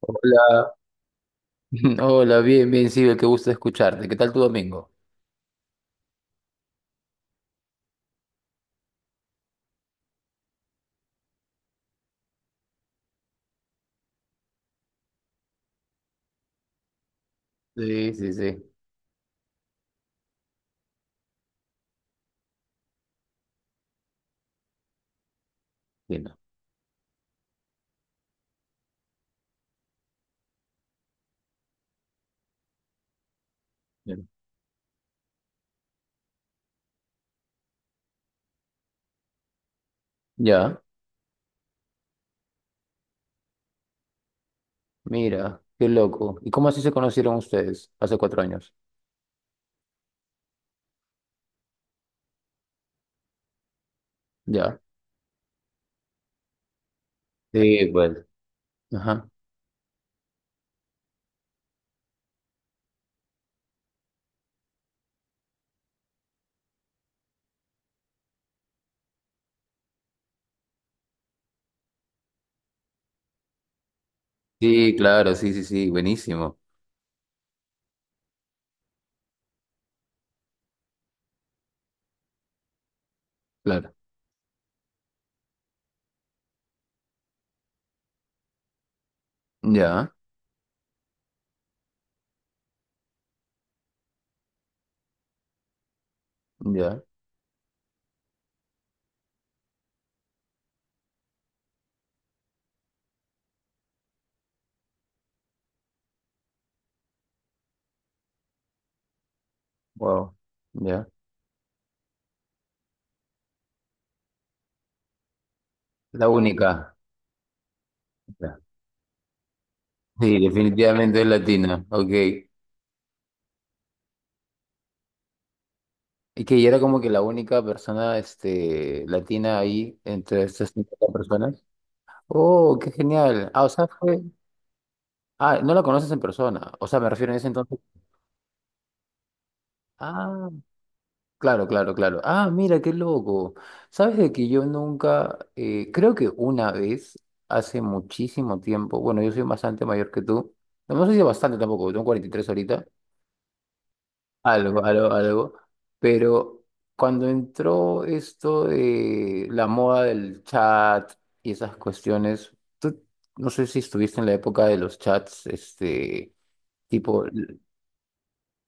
Hola, hola, bien, bien, Sibel, qué gusto escucharte. ¿Qué tal tu domingo? Sí, sí, sí. Bien, bien. Ya, mira, qué loco. ¿Y cómo así se conocieron ustedes hace 4 años? Ya. Sí, bueno. Ajá. Sí, claro, sí, sí, sí, buenísimo. Claro. Ya, ya, wow, ya. La única. Ya. Sí, definitivamente es latina, ok. Y que ella era como que la única persona latina ahí entre estas 50 personas. Oh, qué genial. Ah, o sea, fue. Ah, no la conoces en persona. O sea, me refiero en ese entonces. Ah, claro, claro, claro. Ah, mira, qué loco. Sabes de que yo nunca, creo que una vez, hace muchísimo tiempo, bueno, yo soy bastante mayor que tú. No, no sé si bastante tampoco, tengo 43 ahorita. Algo, algo, algo. Pero cuando entró esto de la moda del chat y esas cuestiones, tú no sé si estuviste en la época de los chats, tipo.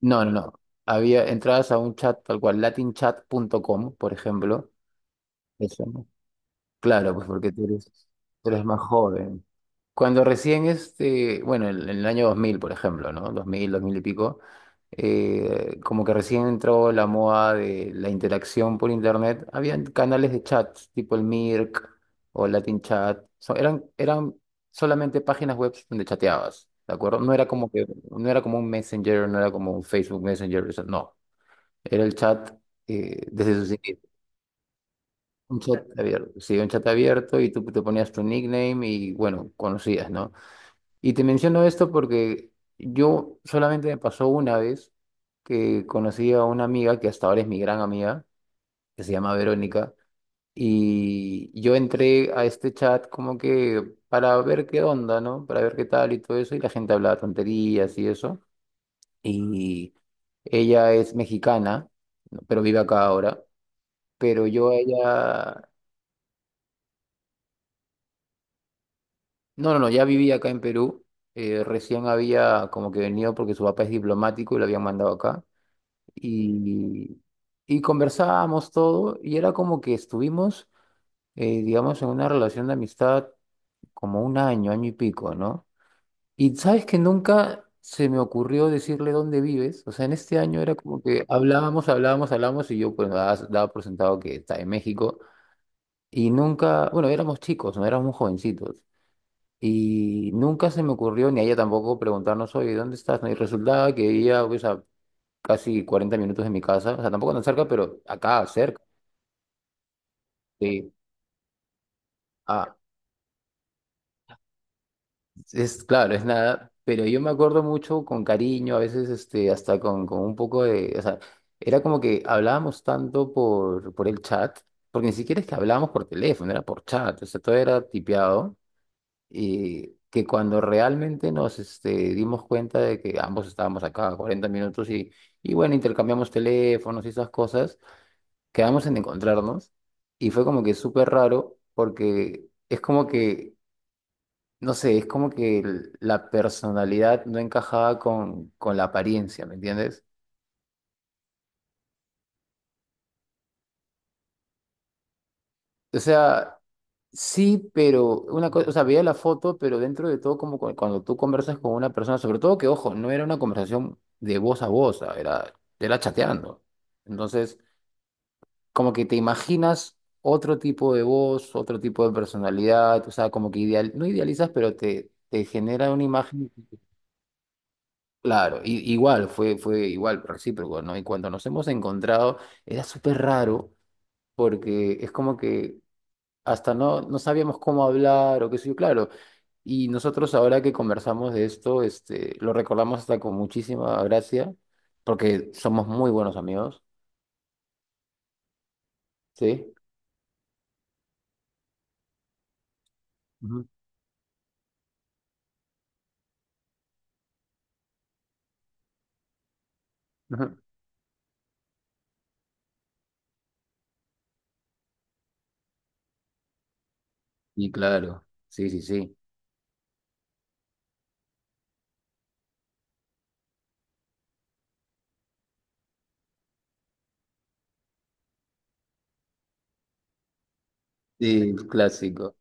No, no, no. Había entradas a un chat tal cual, latinchat.com, por ejemplo. Eso. ¿No? Claro, pues porque tú eres más joven. Cuando recién bueno, en el año 2000, por ejemplo, ¿no? 2000, 2000 y pico, como que recién entró la moda de la interacción por internet, habían canales de chat, tipo el Mirk o Latin Chat, eran solamente páginas web donde chateabas, ¿de acuerdo? No era como que, no era como un Messenger, no era como un Facebook Messenger, eso no, era el chat desde sus un chat abierto, sí, un chat abierto y tú te ponías tu nickname y bueno, conocías, ¿no? Y te menciono esto porque yo solamente me pasó una vez que conocí a una amiga que hasta ahora es mi gran amiga, que se llama Verónica, y yo entré a este chat como que para ver qué onda, ¿no? Para ver qué tal y todo eso, y la gente hablaba tonterías y eso, y ella es mexicana, ¿no? Pero vive acá ahora, pero yo a ella. No, no, no, ya vivía acá en Perú. Eh, recién había como que venido porque su papá es diplomático y lo habían mandado acá. Y, y conversábamos todo y era como que estuvimos, digamos, en una relación de amistad como un año, año y pico, ¿no? Y sabes que nunca se me ocurrió decirle dónde vives. O sea, en este año era como que hablábamos, hablábamos, hablábamos y yo pues daba por sentado que está en México. Y nunca, bueno, éramos chicos, no éramos jovencitos. Y nunca se me ocurrió, ni a ella tampoco, preguntarnos, oye, ¿dónde estás? ¿No? Y resultaba que ella, pues, a casi 40 minutos de mi casa, o sea, tampoco tan cerca, pero acá, cerca. Sí. Ah, es claro, es nada, pero yo me acuerdo mucho con cariño, a veces, hasta con un poco de, o sea, era como que hablábamos tanto por el chat, porque ni siquiera es que hablábamos por teléfono, era por chat, o sea, todo era tipeado. Y que cuando realmente nos dimos cuenta de que ambos estábamos acá a 40 minutos y bueno, intercambiamos teléfonos y esas cosas, quedamos en encontrarnos y fue como que súper raro porque es como que, no sé, es como que la personalidad no encajaba con la apariencia, ¿me entiendes? O sea, sí, pero una cosa, o sea, veía la foto, pero dentro de todo, como cuando tú conversas con una persona, sobre todo que, ojo, no era una conversación de voz a voz, ah, era chateando. Entonces, como que te imaginas otro tipo de voz, otro tipo de personalidad, o sea, como que ideal, no idealizas, pero te genera una imagen, claro, igual, fue igual, recíproco, ¿no? Y cuando nos hemos encontrado, era súper raro, porque es como que hasta no sabíamos cómo hablar o qué sé yo, claro. Y nosotros ahora que conversamos de esto, lo recordamos hasta con muchísima gracia, porque somos muy buenos amigos, ¿sí? Ujú, ujú. Y claro, sí, sí, sí. Sí, clásico.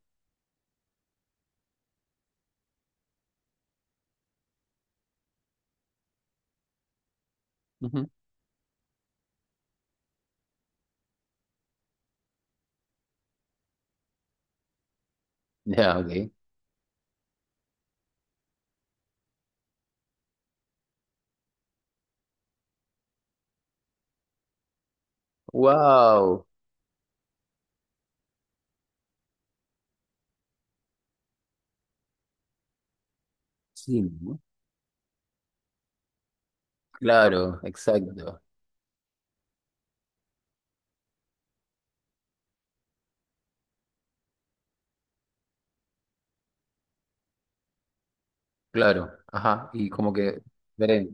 Ujú. Ya, ok. Wow. Sí, ¿no? Claro, exacto. Claro, ajá. Y como que, veré.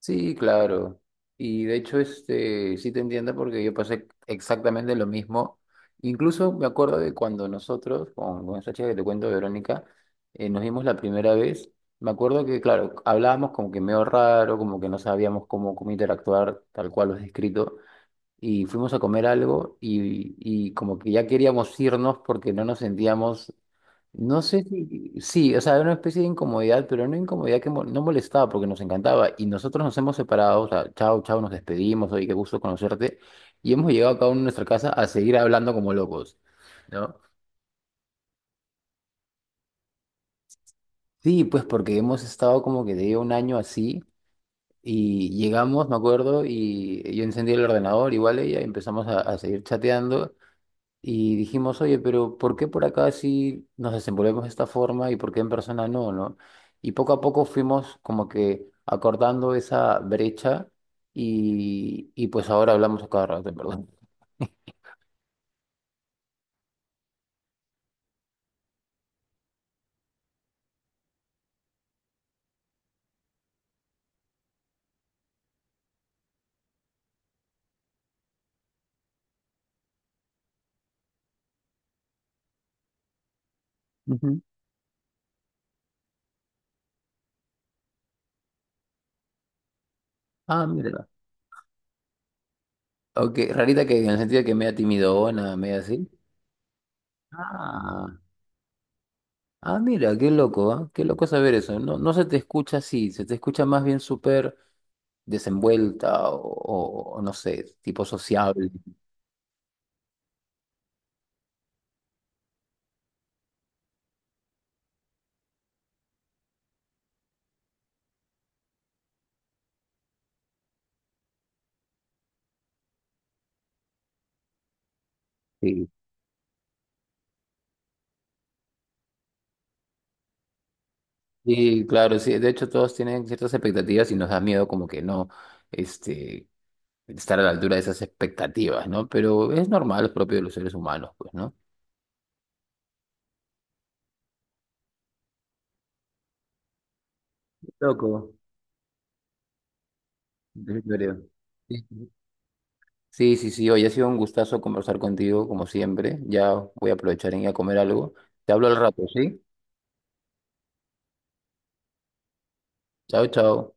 Sí, claro. Y de hecho, sí te entiendo porque yo pasé exactamente lo mismo. Incluso me acuerdo de cuando nosotros, con esta chica que te cuento, Verónica, nos vimos la primera vez. Me acuerdo que, claro, hablábamos como que medio raro, como que no sabíamos cómo interactuar, tal cual lo has descrito y fuimos a comer algo y como que ya queríamos irnos porque no nos sentíamos, no sé si, sí, o sea, era una especie de incomodidad, pero una incomodidad que no molestaba porque nos encantaba y nosotros nos hemos separado, o sea, chao, chao, nos despedimos, oye, qué gusto conocerte y hemos llegado cada uno a nuestra casa a seguir hablando como locos, ¿no? Sí, pues porque hemos estado como que de un año así. Y llegamos, me acuerdo, y yo encendí el ordenador, igual ella, y empezamos a seguir chateando. Y dijimos, oye, pero ¿por qué por acá sí nos desenvolvemos de esta forma y por qué en persona no, no? Y poco a poco fuimos como que acordando esa brecha y pues ahora hablamos a cada rato, en verdad. Ujú. Ah, mira. Ok, rarita que en el sentido de que media timidona, media así. Ah, ah, mira, qué loco, ¿ah? Qué loco saber eso. No, no se te escucha así, se te escucha más bien súper desenvuelta o no sé, tipo sociable. Sí, claro, sí. De hecho, todos tienen ciertas expectativas y nos da miedo como que no, este, estar a la altura de esas expectativas, ¿no? Pero es normal, es propio de los seres humanos, pues, ¿no? Loco. En serio. Sí, sí, sí, sí. Hoy ha sido un gustazo conversar contigo, como siempre. Ya voy a aprovechar en ir a comer algo. Te hablo al rato, ¿sí? Chao, chao.